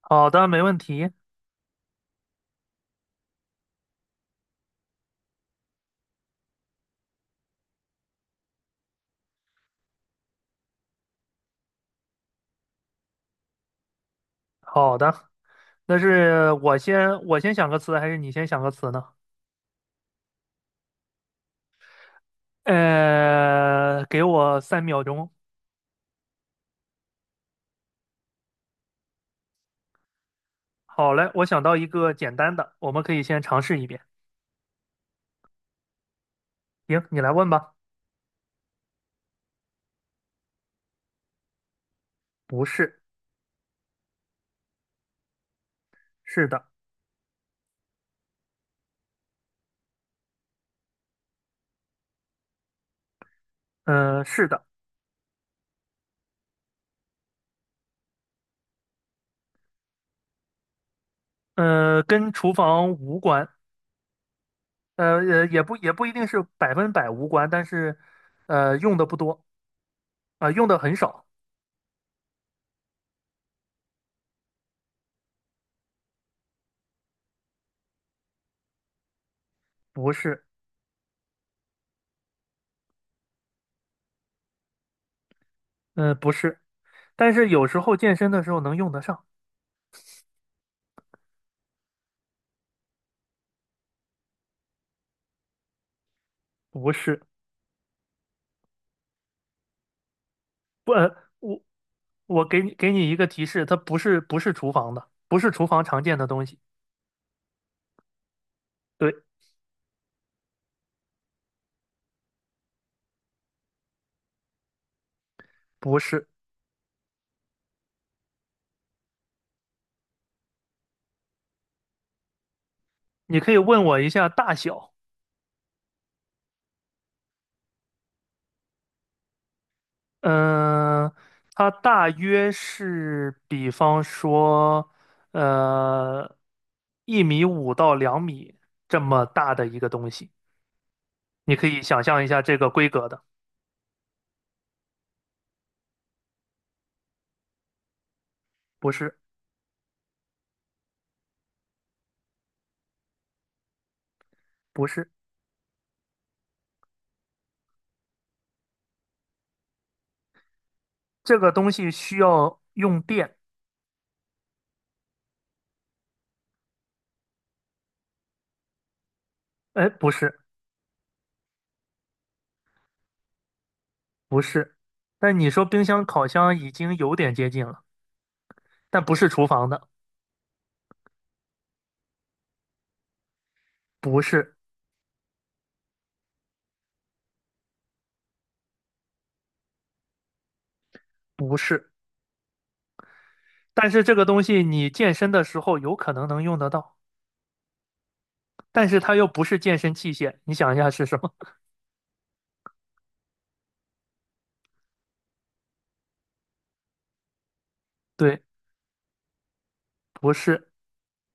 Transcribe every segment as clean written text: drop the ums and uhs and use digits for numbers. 好的，没问题。好的，那是我先想个词，还是你先想个词呢？给我3秒钟。好嘞，我想到一个简单的，我们可以先尝试一遍。行，你来问吧。不是。是的。是的。跟厨房无关。也不一定是百分百无关，但是用的不多，啊、用的很少。不是。不是，但是有时候健身的时候能用得上。不是。不，我给你一个提示，它不是厨房的，不是厨房常见的东西。对，不是。你可以问我一下大小。嗯、它大约是，比方说，呃，1.5米到2米这么大的一个东西。你可以想象一下这个规格的。不是，不是，这个东西需要用电。哎，不是，不是。但你说冰箱、烤箱已经有点接近了，但不是厨房的。不是，不是，但是这个东西你健身的时候有可能能用得到，但是它又不是健身器械，你想一下是什么？对，不是。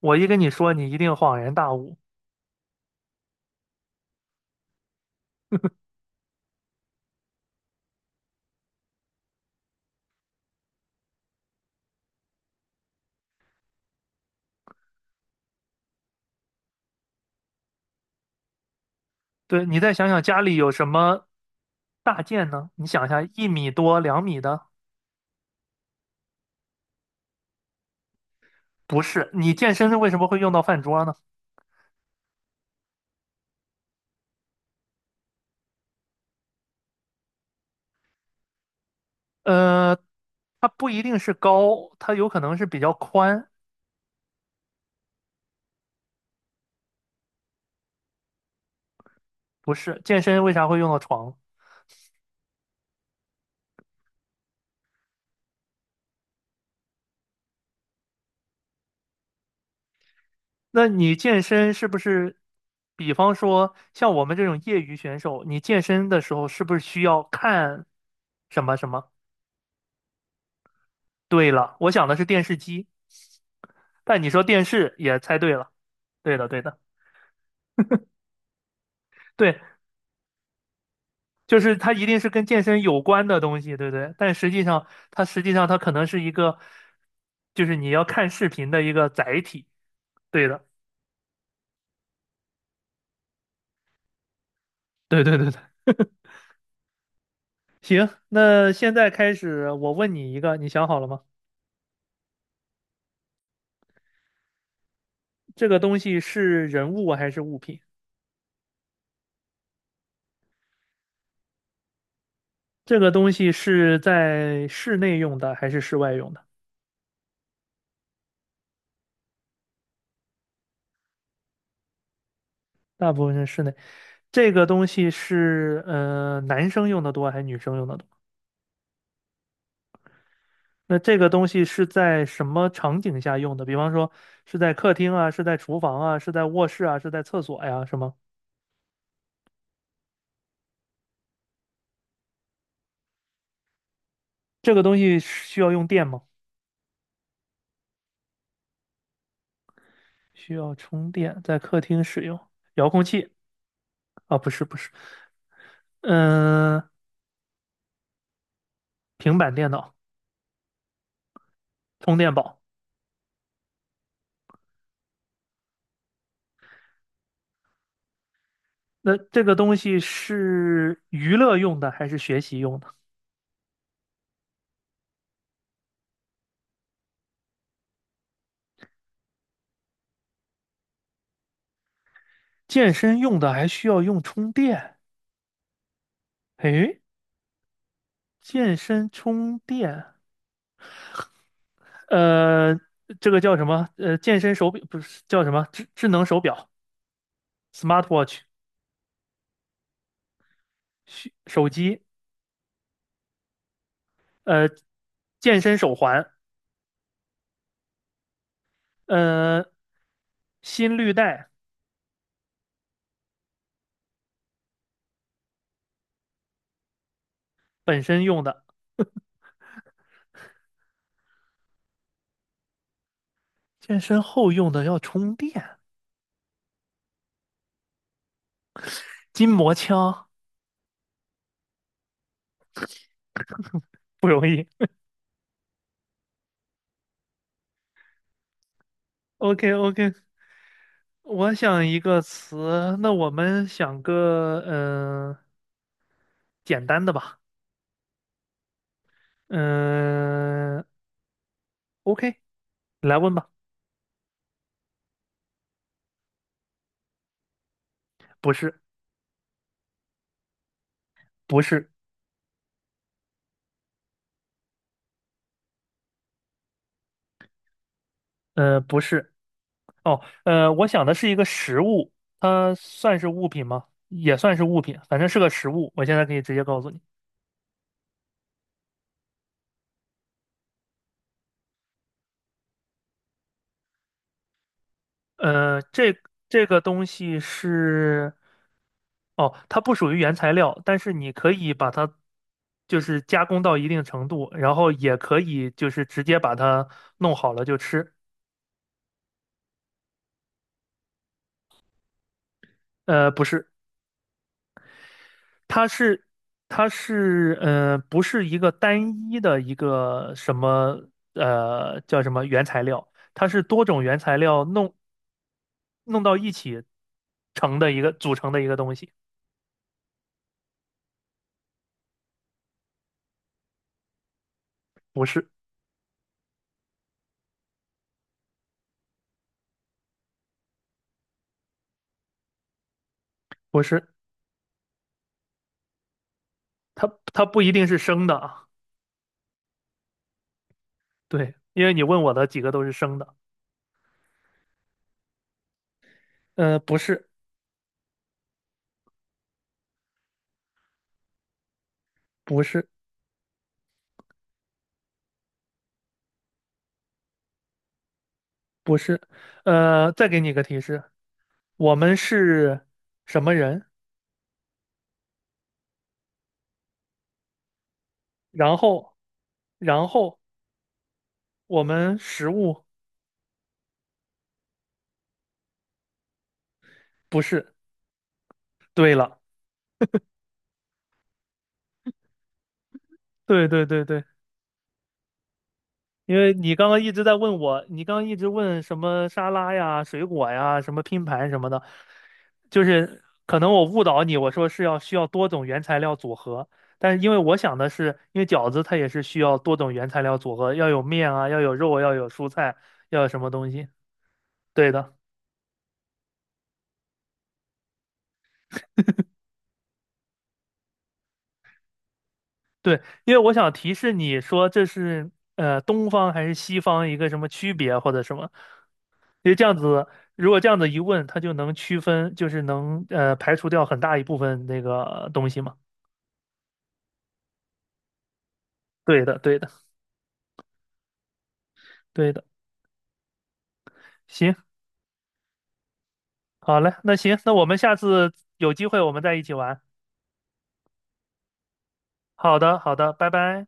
我一跟你说，你一定恍然大悟。对，你再想想家里有什么大件呢？你想一下，1米多、2米的，不是。你健身为什么会用到饭桌呢？呃，它不一定是高，它有可能是比较宽，不是。健身为啥会用到床？那你健身是不是，比方说像我们这种业余选手，你健身的时候是不是需要看什么什么？对了，我想的是电视机，但你说电视也猜对了。对的，对的，对，就是它一定是跟健身有关的东西，对不对？但实际上，它实际上它可能是一个，就是你要看视频的一个载体。对的，对对对对。行，那现在开始，我问你一个，你想好了吗？这个东西是人物还是物品？这个东西是在室内用的还是室外用的？大部分是室内。这个东西是男生用的多还是女生用的多？那这个东西是在什么场景下用的？比方说是在客厅啊，是在厨房啊，是在卧室啊，是在厕所呀，是吗？这个东西是需要用电吗？需要充电，在客厅使用。遥控器。啊，不是不是，嗯、平板电脑。充电宝。那这个东西是娱乐用的还是学习用的？健身用的还需要用充电？诶，健身充电，呃，这个叫什么？健身手表不是叫什么智能手表 （smartwatch） 需手机，呃，健身手环，呃，心率带本身用的，健身后用的要充电，筋膜枪。不容易。OK OK 我想一个词，那我们想个简单的吧。嗯，OK，来问吧。不是，不是，不是。哦，我想的是一个食物，它算是物品吗？也算是物品，反正是个食物。我现在可以直接告诉你，呃，这这个东西是，哦，它不属于原材料，但是你可以把它就是加工到一定程度，然后也可以就是直接把它弄好了就吃。不是。它是它是不是一个单一的一个什么叫什么原材料，它是多种原材料弄到一起成的一个组成的一个东西，不是不是，它它不一定是生的啊，对，因为你问我的几个都是生的，不是不是不是，再给你一个提示，我们是什么人，然后然后我们食物不是。对了，对对对对，因为你刚刚一直在问我，你刚刚一直问什么沙拉呀、水果呀、什么拼盘什么的，就是可能我误导你，我说是要需要多种原材料组合，但是因为我想的是，因为饺子它也是需要多种原材料组合，要有面啊，要有肉啊，要有蔬菜，要有什么东西。对的。对，因为我想提示你说这是东方还是西方一个什么区别或者什么，因为这样子，如果这样子一问，它就能区分，就是能排除掉很大一部分那个东西嘛。对的，对的，对的。行，好嘞，那行，那我们下次有机会我们再一起玩。好的，好的，拜拜。